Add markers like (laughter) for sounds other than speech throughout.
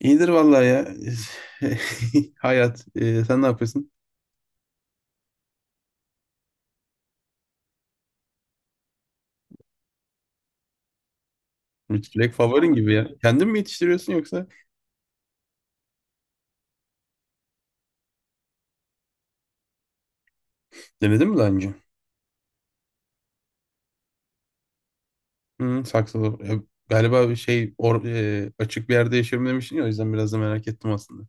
İyidir vallahi ya. (laughs) Hayat. Sen ne yapıyorsun? Çilek favorin gibi ya. Kendin mi yetiştiriyorsun yoksa denedin mi daha önce? Hı, saksılı. Ya, galiba bir şey or, e, açık bir yerde yaşıyorum demiştin ya, o yüzden biraz da merak ettim aslında.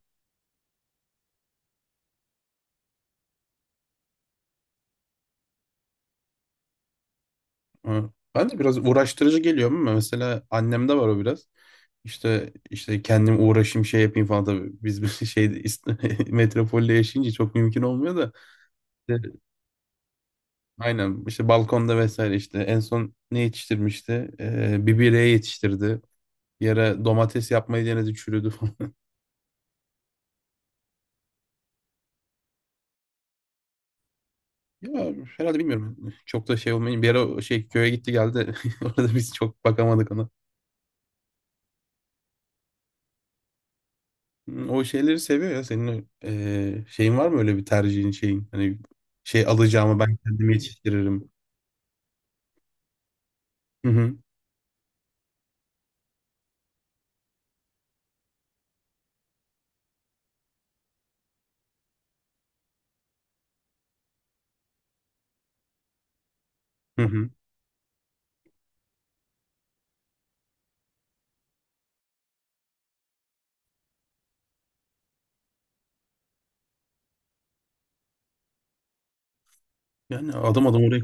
Ama ben de biraz uğraştırıcı geliyor, ama mesela annemde var o biraz. İşte kendim uğraşayım şey yapayım falan tabii. Biz bir şey (laughs) metropolde yaşayınca çok mümkün olmuyor da. E, Aynen işte balkonda vesaire, işte en son ne yetiştirmişti? Bir bireye yetiştirdi. Bir ara domates yapmayı denedi, çürüdü falan. (laughs) Ya herhalde, bilmiyorum. Çok da şey olmayın. Bir ara o şey köye gitti geldi. (laughs) Orada biz çok bakamadık ona. Hmm, o şeyleri seviyor ya. Senin şeyin var mı, öyle bir tercihin şeyin? Hani şey alacağımı ben kendim yetiştiririm. Hı hı. Hı hı. Yani adım adım oraya.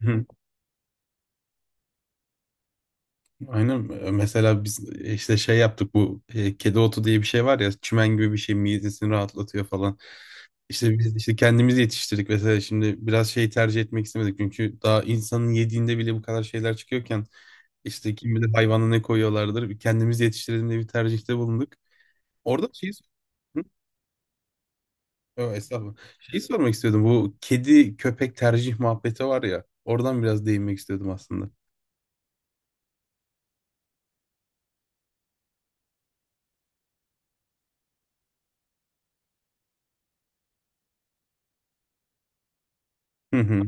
Hı. Aynen, mesela biz işte şey yaptık, bu kedi otu diye bir şey var ya, çimen gibi bir şey, midesini rahatlatıyor falan. İşte biz işte kendimiz yetiştirdik mesela, şimdi biraz şey tercih etmek istemedik çünkü daha insanın yediğinde bile bu kadar şeyler çıkıyorken işte kim bilir hayvana ne koyuyorlardır, kendimiz yetiştirelim diye bir tercihte bulunduk. Orada şeyi, hı? Yo, estağfurullah. Şeyi sormak istiyordum, bu kedi köpek tercih muhabbeti var ya, oradan biraz değinmek istiyordum aslında. Hı hı.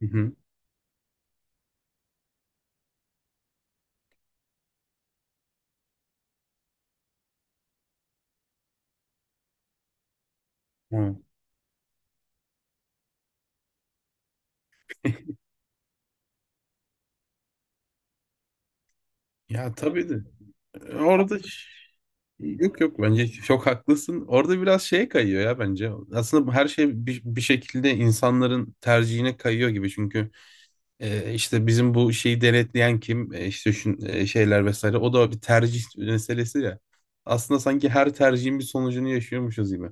Hı hı. Hı. (laughs) Ya tabii de orada, yok yok, bence çok haklısın. Orada biraz şeye kayıyor ya bence. Aslında bu her şey bir, bir şekilde insanların tercihine kayıyor gibi. Çünkü işte bizim bu şeyi denetleyen kim, işte şu şeyler vesaire, o da bir tercih meselesi ya. Aslında sanki her tercihin bir sonucunu yaşıyormuşuz gibi.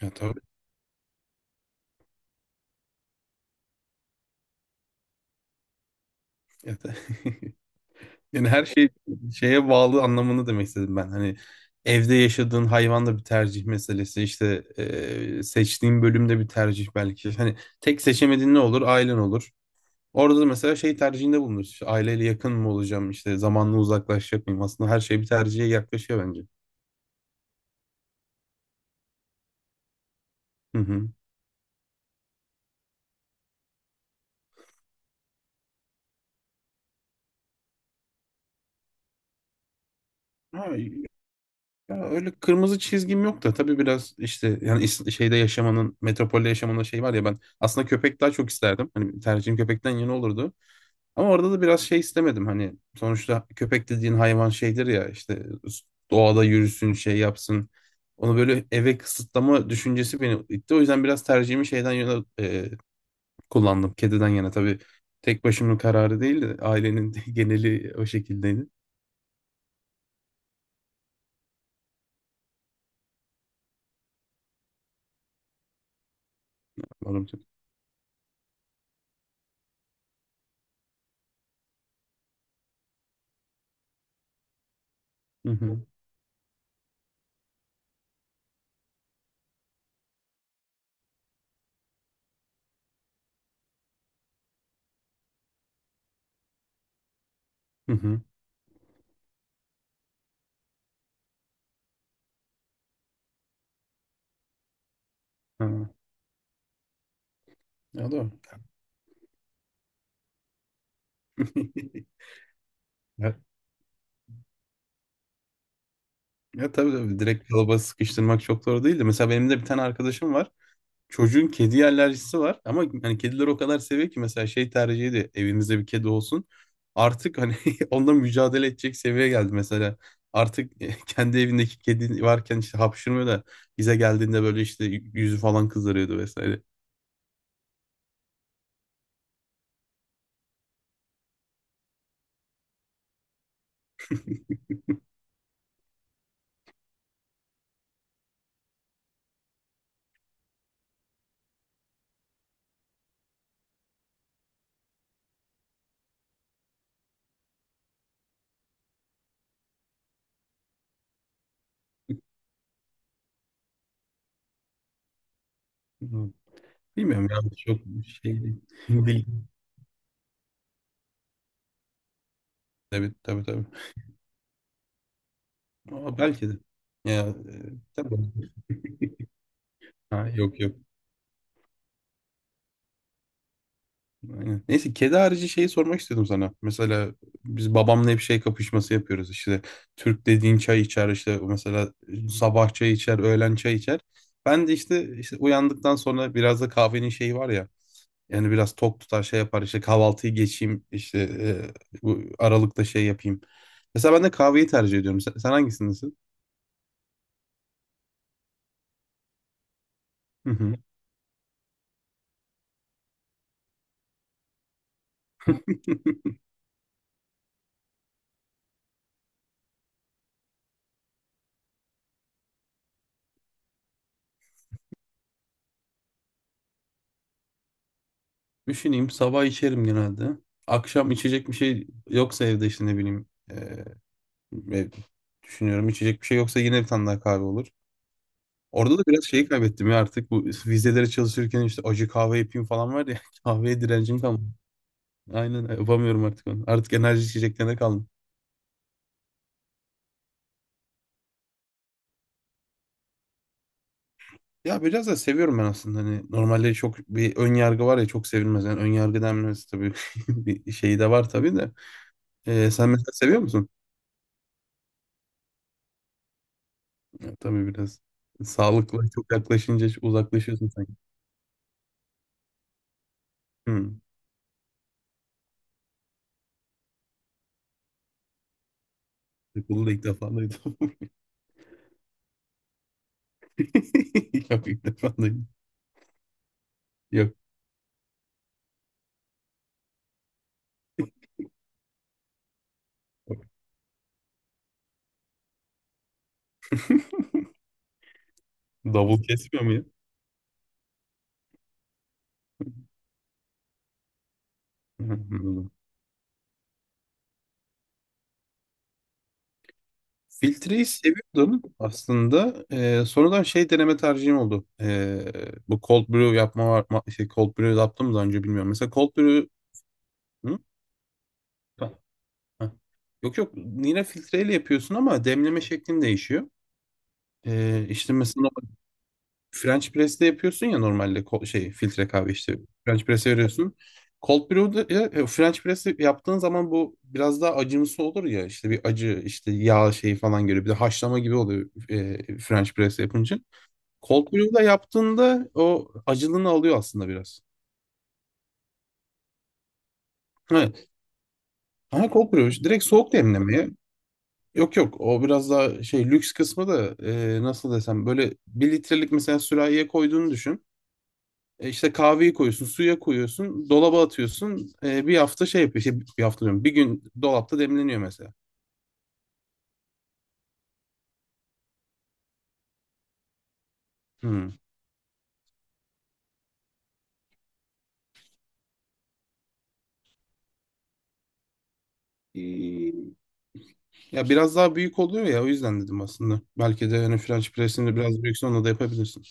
Ya tabii. Ya, tabii. (laughs) Yani her şey şeye bağlı anlamını demek istedim ben. Hani evde yaşadığın hayvan da bir tercih meselesi. İşte seçtiğin bölümde bir tercih belki. Hani tek seçemediğin ne olur? Ailen olur. Orada da mesela şey tercihinde bulunursun. İşte aileyle yakın mı olacağım? İşte zamanla uzaklaşacak mıyım? Aslında her şey bir tercihe yaklaşıyor bence. Hı hı. Ha. Ya öyle kırmızı çizgim yok da, tabii biraz işte yani şeyde yaşamanın, metropolde yaşamanın şey var ya, ben aslında köpek daha çok isterdim. Hani tercihim köpekten yana olurdu. Ama orada da biraz şey istemedim, hani sonuçta köpek dediğin hayvan şeydir ya, işte doğada yürüsün şey yapsın. Onu böyle eve kısıtlama düşüncesi beni itti. O yüzden biraz tercihimi şeyden yana, kullandım. Kediden yana. Tabii tek başımın kararı değildi. Ailenin (laughs) geneli o şekildeydi. Umarım. Hı hı. Hı hı. Ha. Ya doğru. Ya, ya tabii tabii, direkt kalıba sıkıştırmak çok doğru değil, de mesela benim de bir tane arkadaşım var. Çocuğun kedi alerjisi var, ama hani kedileri o kadar seviyor ki mesela şey tercih ediyor, evimizde bir kedi olsun. Artık hani (laughs) onunla mücadele edecek seviyeye geldi mesela. Artık (laughs) kendi evindeki kedi varken işte hapşırmıyor da, bize geldiğinde böyle işte yüzü falan kızarıyordu vesaire. Hmm. Bilmiyorum ya, çok şey değil. (laughs) Bil- Tabii tabii tabii. Ama belki de. Ya, tabii. Ha, yok yok. Aynen. Neyse, kedi harici şeyi sormak istedim sana. Mesela biz babamla hep şey kapışması yapıyoruz işte. Türk dediğin çay içer işte, mesela sabah çay içer, öğlen çay içer. Ben de işte, işte uyandıktan sonra biraz da kahvenin şeyi var ya. Yani biraz tok tutar şey yapar, işte kahvaltıyı geçeyim işte bu aralıkta şey yapayım. Mesela ben de kahveyi tercih ediyorum. Sen hangisindesin? Hı hı. Düşüneyim, sabah içerim genelde. Akşam içecek bir şey yoksa evde işte, ne bileyim. Ve düşünüyorum, içecek bir şey yoksa yine bir tane daha kahve olur. Orada da biraz şeyi kaybettim ya, artık bu vizelere çalışırken işte acı kahve yapayım falan var ya, (laughs) kahveye direncim kalmadı. Aynen, yapamıyorum artık onu. Artık enerji içeceklerine kaldım. Ya biraz da seviyorum ben aslında, hani normalde çok bir ön yargı var ya, çok sevilmez. Yani ön yargı denmesi tabii (laughs) bir şeyi de var tabii de. Sen mesela seviyor musun? Ya, tabii biraz. Sağlıkla çok yaklaşınca uzaklaşıyorsun sanki. Hmm. Bunu da ilk defa duydum. (laughs) Yok, ilk defa duydum. Yok. Davul kesmiyor muyum? Anladım. (laughs) Filtreyi seviyordum aslında. Sonradan şey deneme tercihim oldu. Bu cold brew yapma var. Şey, cold brew yaptım daha önce, bilmiyorum. Mesela cold brew... Hı? Ha, ha. Yok yok, yine filtreyle yapıyorsun ama demleme şeklin değişiyor. İşte mesela French press'te yapıyorsun ya normalde, şey filtre kahve işte French press'e veriyorsun. Cold brew'da French press'e yaptığın zaman bu biraz daha acımsı olur ya, işte bir acı işte yağ şeyi falan geliyor, bir de haşlama gibi oluyor French press yapınca. Cold brew'da yaptığında o acılığını alıyor aslında biraz. Evet. Ha, cold brew işte direkt soğuk demlemeye. Yok yok, o biraz daha şey lüks kısmı da, nasıl desem, böyle bir litrelik mesela sürahiye koyduğunu düşün. İşte kahveyi koyuyorsun, suya koyuyorsun, dolaba atıyorsun. Bir hafta şey yapıyor. Şey, bir hafta diyorum, bir gün dolapta demleniyor mesela. Hmm. Ee, Ya biraz daha büyük oluyor ya, o yüzden dedim aslında. Belki de hani French press'ini de biraz büyükse onu da yapabilirsin.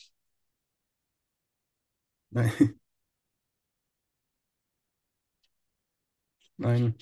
(laughs) Aynen.